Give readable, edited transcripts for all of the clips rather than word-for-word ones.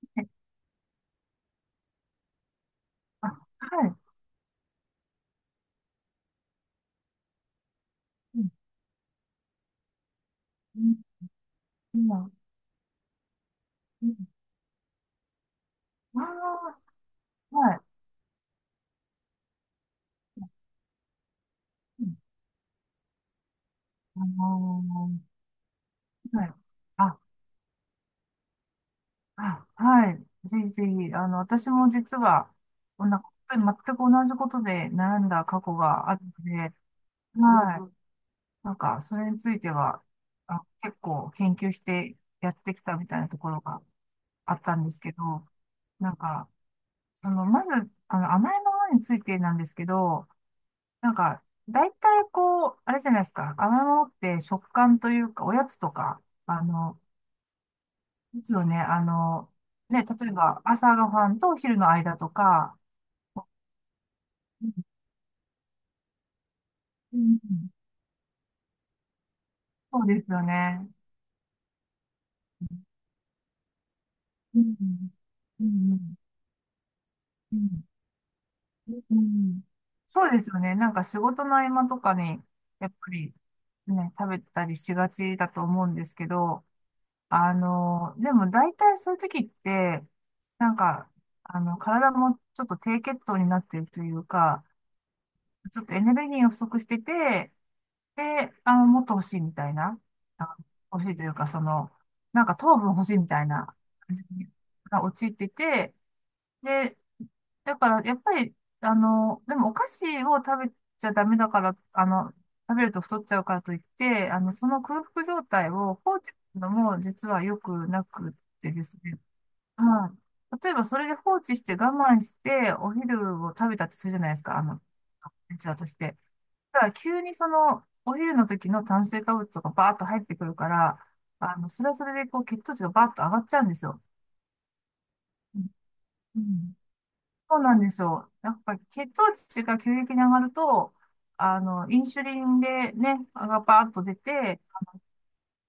えあ、はい。うん、うん、今、うん、ああ、はい。うん、あのはい。あ、あ、はい。ぜひぜひ、私も実は、こんな、本当に全く同じことで悩んだ過去があるので、はい。なんか、それについては、結構研究してやってきたみたいなところがあったんですけど、なんか、まず、甘えのものについてなんですけど、なんか、大体こう、あれじゃないですか。甘いものって食感というか、おやつとか、いつよね、ね、例えば朝ごはんとお昼の間とか、うん、うん。そうですよね。うん、うん、うん、うん。そうですよね。なんか仕事の合間とかに、やっぱりね、食べたりしがちだと思うんですけど、でも大体そういう時って、なんか、体もちょっと低血糖になってるというか、ちょっとエネルギーが不足してて、で、もっと欲しいみたいな、あ欲しいというか、その、なんか糖分欲しいみたいな感じに、が陥ってて、で、だから、やっぱり、でもお菓子を食べちゃダメだから、食べると太っちゃうからといって、その空腹状態を放置するのも実は良くなくってですね。はい。例えば、それで放置して我慢して、お昼を食べたとするじゃないですか、うちわとして。ただ、急にその、お昼の時の炭水化物とかバーッと入ってくるから、それはそれで、こう、血糖値がバーッと上がっちゃうんですよ。うん、そうなんですよ。やっぱり血糖値が急激に上がると、インスリンでね、がバーッと出て、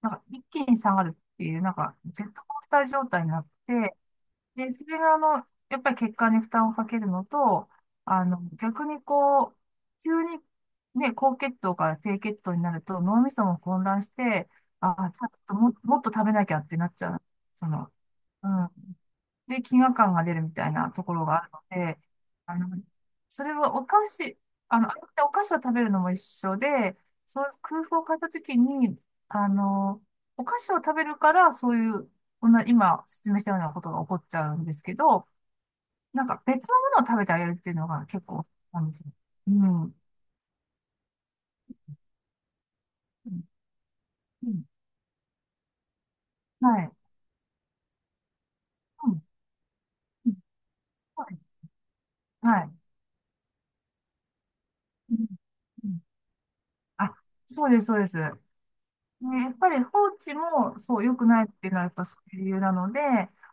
なんか一気に下がるっていう、なんかジェットコースター状態になって、で、それがやっぱり血管に負担をかけるのと、逆にこう、急にね、高血糖から低血糖になると脳みそも混乱して、ああ、ちょっとも、もっと食べなきゃってなっちゃう。その、うん。で、飢餓感が出るみたいなところがあるので、あの、それはお菓子、あの、お菓子を食べるのも一緒で、その空腹を変えたときに、あの、お菓子を食べるから、そういう、こんな、今説明したようなことが起こっちゃうんですけど、なんか別のものを食べてあげるっていうのが結構なんですよ。うん。うん、うん。はい。うん、うん。はい。はい。うん、うん。あ、そうです、そうです。ね、やっぱり放置もそう良くないっていうのはやっぱそういう理由なので、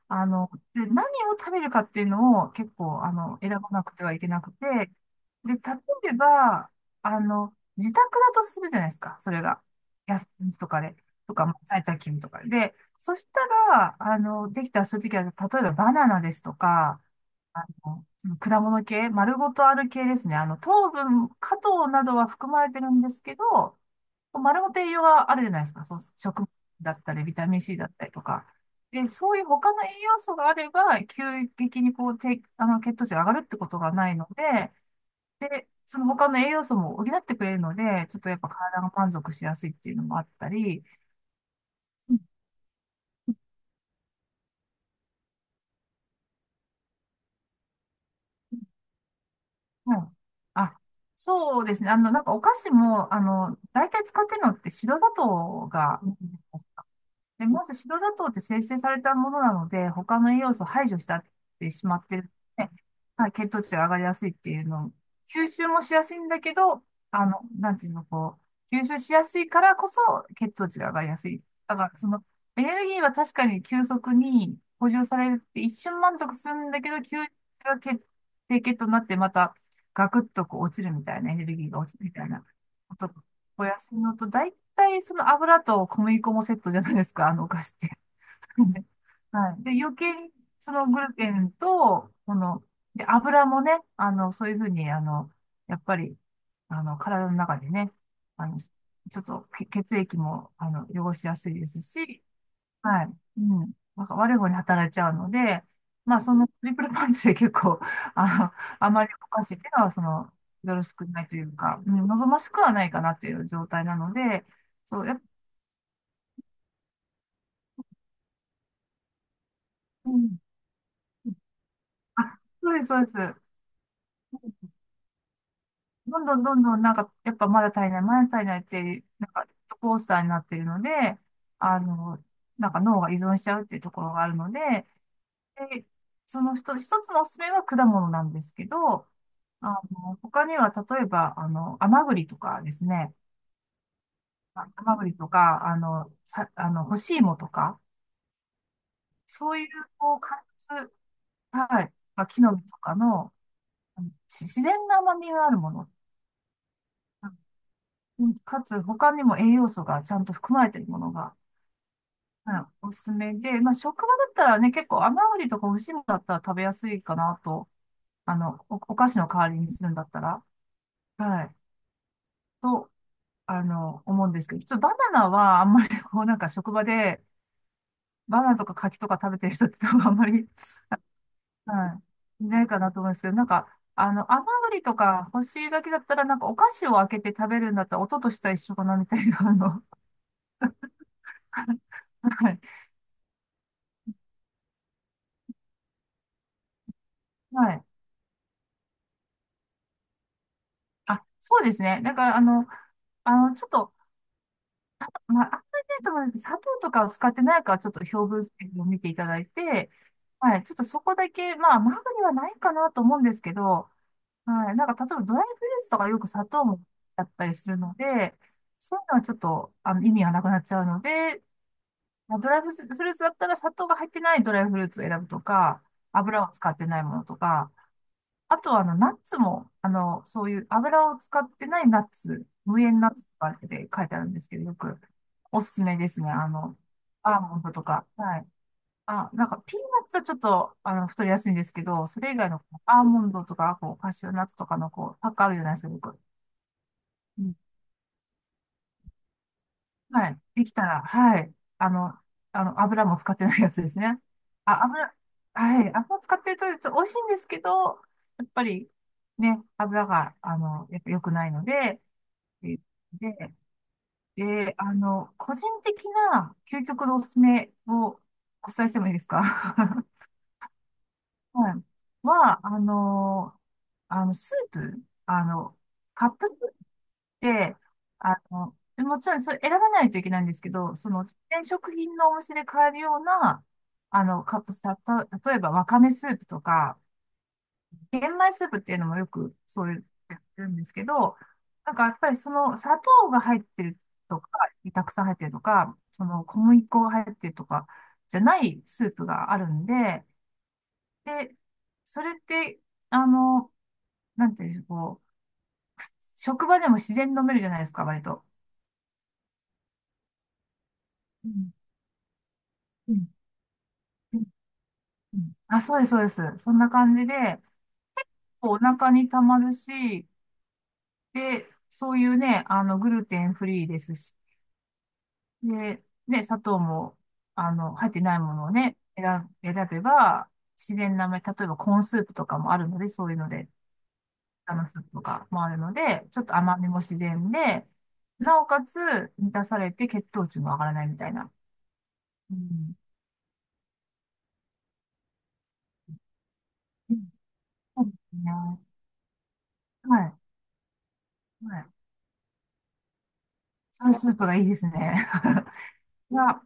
あの、で、何を食べるかっていうのを結構、選ばなくてはいけなくて、で、例えば、自宅だとするじゃないですか、それが。休みとかで、とか、まあ在宅勤務とかで。で、そしたら、できたらそういう時は、例えばバナナですとか、その果物系、丸ごとある系ですね。糖分、果糖などは含まれてるんですけど、丸ごと栄養があるじゃないですか。そう食物だったり、ビタミン C だったりとか。で、そういう他の栄養素があれば、急激にこう、低あの、血糖値が上がるってことがないので、で、その他の栄養素も補ってくれるので、ちょっとやっぱ体が満足しやすいっていうのもあったり、うん、はい。あ、そうですね。なんかお菓子も、大体使ってるのって白砂糖が、で、まず白砂糖って生成されたものなので、他の栄養素を排除したってしまってるので、はい、血糖値が上がりやすいっていうの、吸収もしやすいんだけど、なんていうの、こう、吸収しやすいからこそ血糖値が上がりやすい。だから、その、エネルギーは確かに急速に補充されるって一瞬満足するんだけど、急が血低血糖になってまたガクッとこう落ちるみたいな、エネルギーが落ちるみたいなことお安いのと、大体その油と小麦粉もセットじゃないですか、あのお菓子って。はい。で、余計にそのグルテンと、この、で、油もね、そういうふうに、やっぱり、体の中でね、ちょっと血液も、汚しやすいですし、はい。うん。なんか悪い方に働いちゃうので、まあ、そのトリプルパンチで結構、あの、あまりお菓子っていうのは、その、よろしくないというか、うん、望ましくはないかなという状態なので、そう、やっぱ、うん。あ、そうです、そうです。どんどんどんどん、なんか、やっぱまだ足りない、まだ足りないって、なんか、ジェットコースターになっているので、あの、なんか脳が依存しちゃうっていうところがあるので、で、その一つ一つのおすすめは果物なんですけど、他には例えば、甘栗とかですね、甘栗とか、あの、さ、あの、干し芋とか、そういう、こう、柑橘、はい、まあ木の実とかの、あのし自然な甘みがあるもの、うん、かつ、他にも栄養素がちゃんと含まれているものが、はい、おすすめで、まあ、職場だったらね、結構甘栗とか干し芋だったら食べやすいかなと、お菓子の代わりにするんだったら、はい。と、あの、思うんですけど、普通バナナはあんまりこうなんか職場でバナナとか柿とか食べてる人って多分あんまり、はい、いないかなと思うんですけど、なんか、甘栗とか干し柿だったらなんかお菓子を開けて食べるんだったら音としては一緒かなみたいな、はい、はい。あ、そうですね。なんかちょっと、まあ、あんまりないと思うんですけど、砂糖とかを使ってないかちょっと表分析を見ていただいて、はい、ちょっとそこだけ、まあ、甘栗はないかなと思うんですけど、はい。なんか、例えばドライフルーツとかよく砂糖だったりするので、そういうのはちょっと、意味がなくなっちゃうので、まあドライフルーツだったら砂糖が入ってないドライフルーツを選ぶとか、油を使ってないものとか、あとは、ナッツも、そういう油を使ってないナッツ、無塩ナッツとかって書いてあるんですけど、よくおすすめですね。アーモンドとか。はい。あ、なんか、ピーナッツはちょっと、太りやすいんですけど、それ以外の、こうアーモンドとか、こう、カシューナッツとかの、こう、パックあるじゃないですか、よく。うん。はい。できたら、はい。油も使ってないやつですね。あ、油、はい。油使ってると、ちょっと美味しいんですけど、やっぱり、ね、油が、やっぱ良くないので、えで、で、あの、個人的な究極のおすすめをお伝えしてもいいですか？ はい。は、あのー、あの、スープ、カップスープって、もちろんそれ選ばないといけないんですけど、その、自然食品のお店で買えるような、あの、カップス、たと、例えばわかめスープとか、玄米スープっていうのもよくそういうやってるんですけど、なんかやっぱりその砂糖が入ってるとか、たくさん入ってるとか、その小麦粉が入ってるとかじゃないスープがあるんで、で、それって、あの、なんていうんでしょう、こう、職場でも自然に飲めるじゃないですか、割と。うん、うん、うん、うん、あ、そうです、そうです。そんな感じで、こうお腹にたまるし、で、そういうね、グルテンフリーですし、で、ね、砂糖も、入ってないものをね、選べば、自然なめ、例えばコーンスープとかもあるので、そういうので、あのスープとかもあるので、ちょっと甘みも自然で、なおかつ満たされて血糖値も上がらないみたいな。うん。うん、そうですね。はい。はい。そのスープがいいですね。が、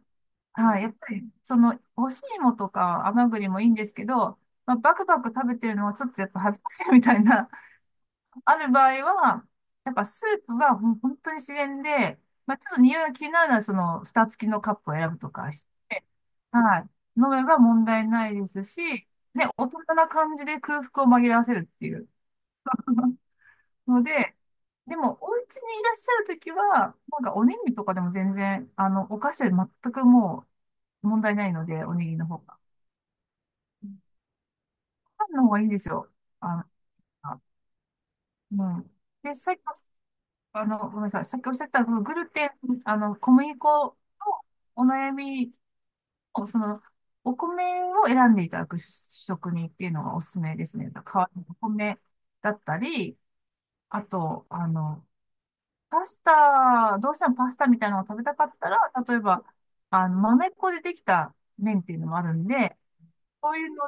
はい。やっぱり、その、干し芋とか甘栗もいいんですけど、まあ、バクバク食べてるのはちょっとやっぱ恥ずかしいみたいな、ある場合は、やっぱスープは本当に自然で、まあ、ちょっと匂いが気になるなら、その、蓋付きのカップを選ぶとか、はい、飲めば問題ないですし、ね、大人な感じで空腹を紛らわせるっていうので、でも、お家にいらっしゃるときは、なんかおにぎりとかでも全然、お菓子より全くもう問題ないので、おにぎりの方が。パンの方がいいんですよ。あの、あうん。で、さっき、あの、ごめんなさい。さっきおっしゃってた、このグルテン、あの、小麦粉のお悩み、おその、お米を選んでいただく職人っていうのがおすすめですね。代わりのお米だったり、あと、パスタ、どうしてもパスタみたいなのを食べたかったら、例えば、豆粉でできた麺っていうのもあるんで、そういうの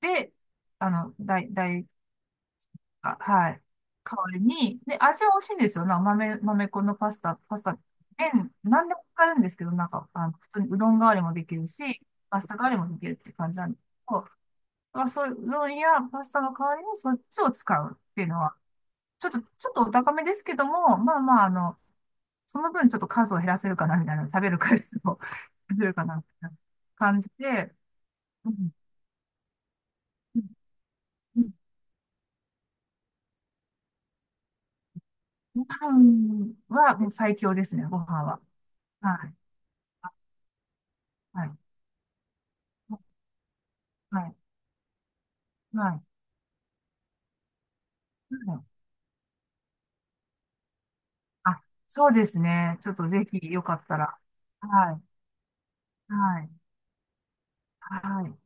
で、代あ、はい。代わりに、で、味は美味しいんですよ。豆粉のパスタ、麺、何でも使えるんですけど、なんか、普通にうどん代わりもできるし、パスタ代わりもできるって感じなんですけど、だからそういううどんやパスタの代わりにそっちを使うっていうのは、ちょっとお高めですけども、まあまあ、その分ちょっと数を減らせるかな、みたいな、食べる回数を 減らせるかな、みたいな感じで、うん、うん、うん、ご飯はもう最強ですね、ご飯は。はい。はい。はい。はい。うん、あ、そうですね。ちょっとぜひよかったら。はい。はい。はい。